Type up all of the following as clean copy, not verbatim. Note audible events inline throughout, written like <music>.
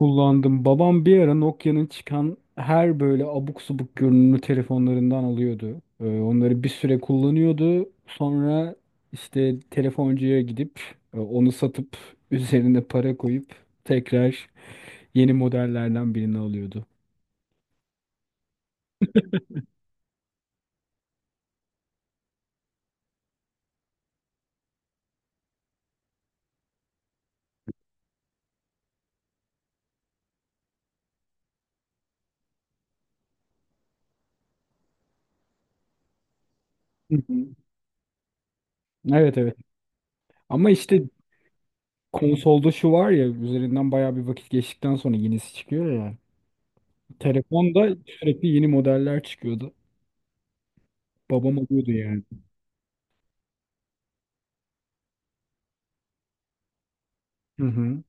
Kullandım. Babam bir ara Nokia'nın çıkan her böyle abuk subuk görünümlü telefonlarından alıyordu. Onları bir süre kullanıyordu. Sonra işte telefoncuya gidip onu satıp <laughs> üzerine para koyup tekrar yeni modellerden birini alıyordu. Hı hı. Evet, evet. Ama işte konsolda şu var ya, üzerinden bayağı bir vakit geçtikten sonra yenisi çıkıyor ya. Telefonda sürekli yeni modeller çıkıyordu. Babam alıyordu yani. Hı hı.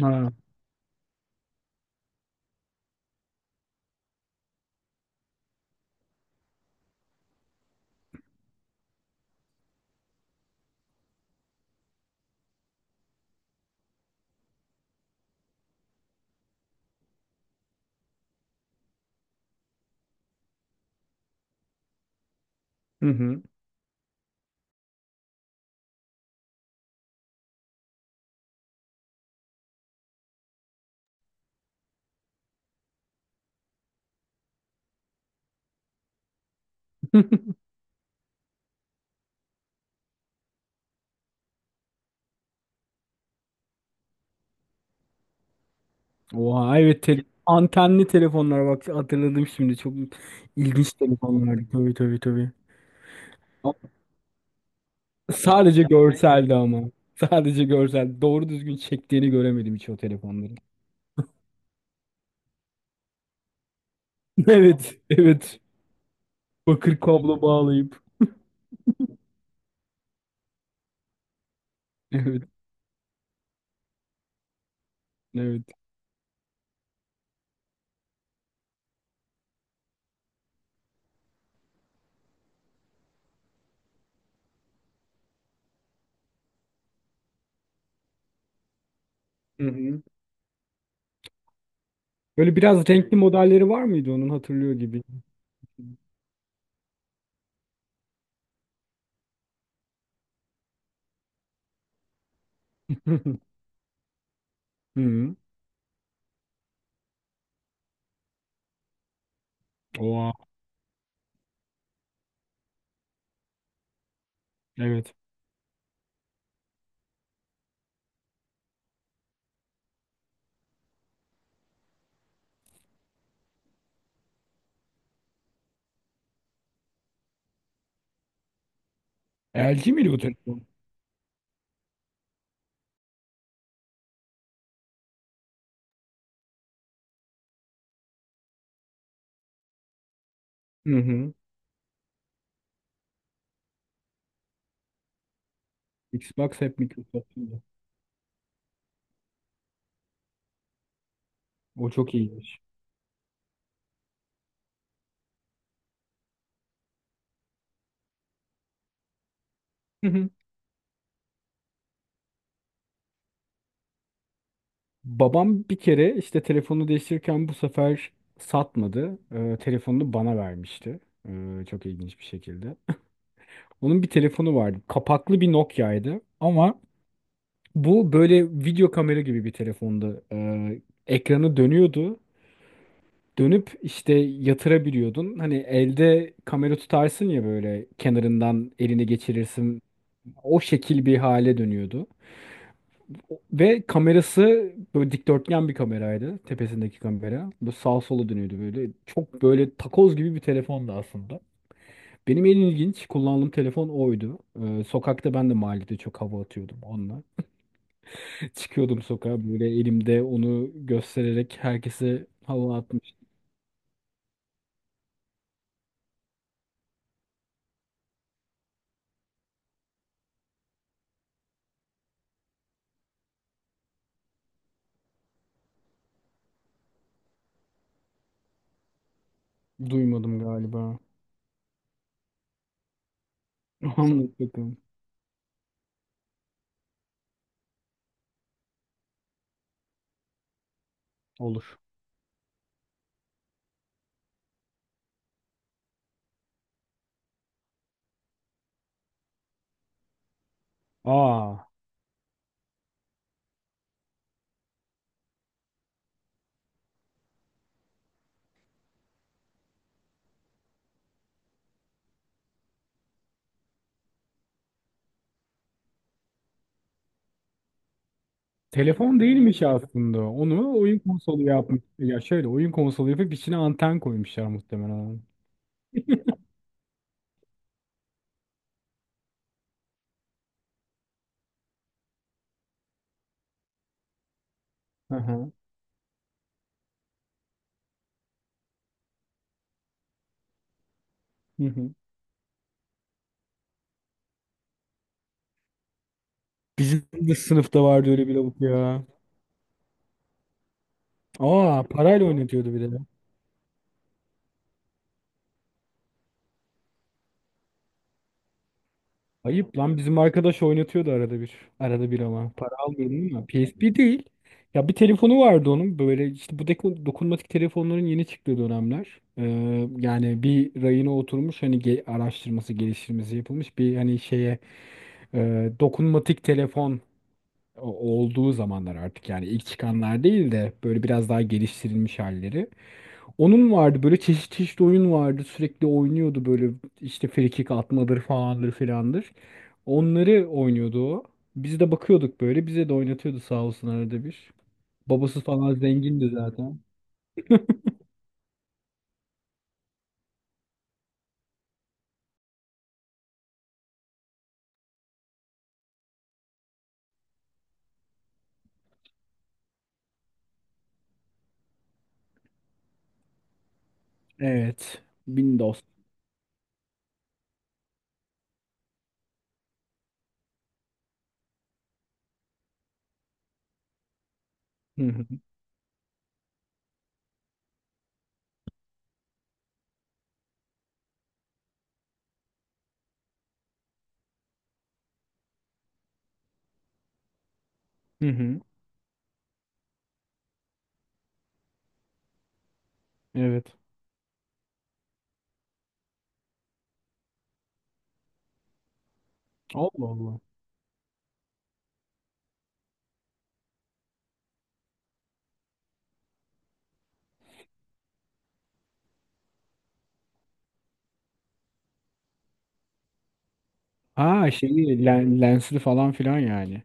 Ha. Hı hı. Oha, evet, antenli telefonlar, bak hatırladım şimdi, çok ilginç telefonlardı, tabii, tabii, tabii. Ama sadece görseldi ama. Sadece görsel. Doğru düzgün çektiğini göremedim hiç o telefonları. <laughs> Evet, evet. Bakır kablo bağlayıp. Evet, evet. Hı hı. Böyle biraz renkli modelleri var mıydı onun, hatırlıyor gibi. <laughs> Hı hı. Oha, evet. LG miydi bu telefon? Hı hı. Xbox hep Microsoft'tu. O çok iyiymiş. <laughs> Babam bir kere işte telefonu değiştirirken bu sefer satmadı. Telefonunu bana vermişti. Çok ilginç bir şekilde. Onun bir telefonu vardı. Kapaklı bir Nokia'ydı. Ama bu böyle video kamera gibi bir telefondu. Ekranı dönüyordu. Dönüp işte yatırabiliyordun. Hani elde kamera tutarsın ya, böyle kenarından elini geçirirsin. O şekil bir hale dönüyordu. Ve kamerası böyle dikdörtgen bir kameraydı. Tepesindeki kamera. Bu sağa sola dönüyordu böyle. Çok böyle takoz gibi bir telefondu aslında. Benim en ilginç kullandığım telefon oydu. Sokakta ben de mahallede çok hava atıyordum onunla. <laughs> Çıkıyordum sokağa böyle, elimde onu göstererek herkese hava atmış. Duymadım galiba. <laughs> Anlat bakalım. Olur. Aa, telefon değilmiş aslında. Onu oyun konsolu yapmış. Ya şöyle oyun konsolu yapıp içine anten koymuşlar muhtemelen. <laughs> Hı hı. Bizim de sınıfta vardı öyle bir lavuk ya. Aa, parayla oynatıyordu bir de. Ayıp lan, bizim arkadaş oynatıyordu arada bir. Arada bir ama. Para almıyordum ama. PSP değil. Ya bir telefonu vardı onun. Böyle işte bu dokunmatik telefonların yeni çıktığı dönemler. Yani bir rayına oturmuş, hani araştırması geliştirmesi yapılmış bir hani şeye, dokunmatik telefon olduğu zamanlar artık yani, ilk çıkanlar değil de böyle biraz daha geliştirilmiş halleri. Onun vardı, böyle çeşit çeşit oyun vardı. Sürekli oynuyordu böyle, işte frikik atmadır falandır filandır. Onları oynuyordu o. Biz de bakıyorduk böyle. Bize de oynatıyordu sağ olsun arada bir. Babası falan zengindi zaten. Evet. Windows. Hı hı. Hı hı. Evet. Allah Allah. Ha, şeyi, lensli falan filan yani.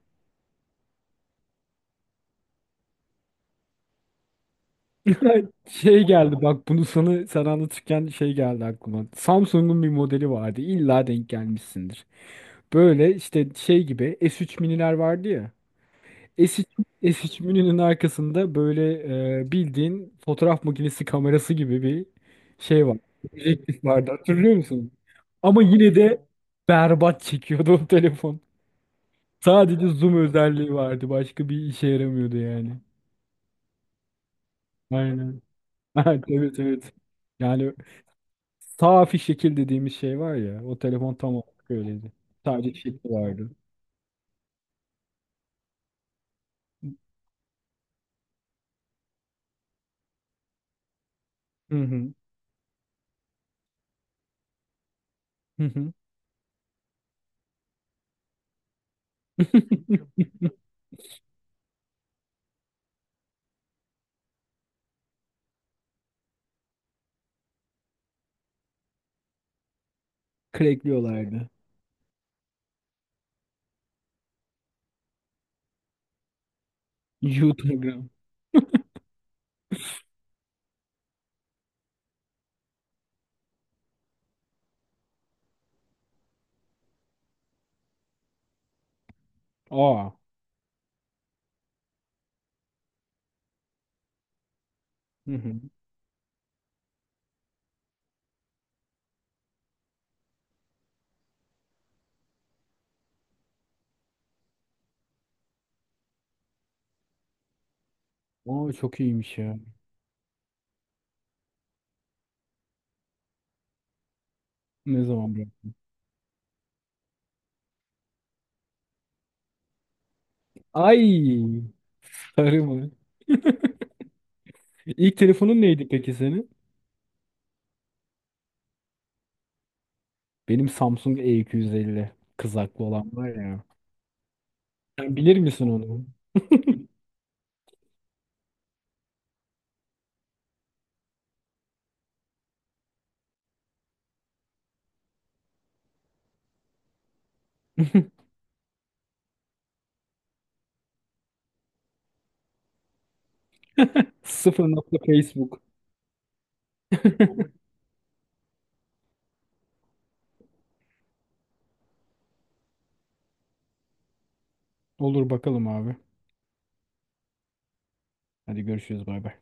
<laughs> Şey geldi bak, bunu sana sen anlatırken şey geldi aklıma. Samsung'un bir modeli vardı. İlla denk gelmişsindir. Böyle işte şey gibi S3 miniler vardı ya. S3, S3 mininin arkasında böyle, bildiğin fotoğraf makinesi kamerası gibi bir şey var. Objektif vardı, hatırlıyor musun? Ama yine de berbat çekiyordu o telefon. Sadece zoom özelliği vardı. Başka bir işe yaramıyordu yani. Aynen. <laughs> Evet, evet, evet. Yani safi şekil dediğimiz şey var ya, o telefon tam olarak öyleydi. Sadece şekli vardı. Hı hı. Hı hı. <laughs> Crackliyorlardı. YouTube'dan. Aa. Hı hı. Aa, çok iyiymiş ya. Ne zaman bu? Ay. Sarı mı? İlk telefonun neydi peki senin? Benim Samsung E250. Kızaklı olan var ya. Sen bilir misin onu? <laughs> Sıfır nokta Facebook. Olur bakalım abi. Hadi görüşürüz, bay bay.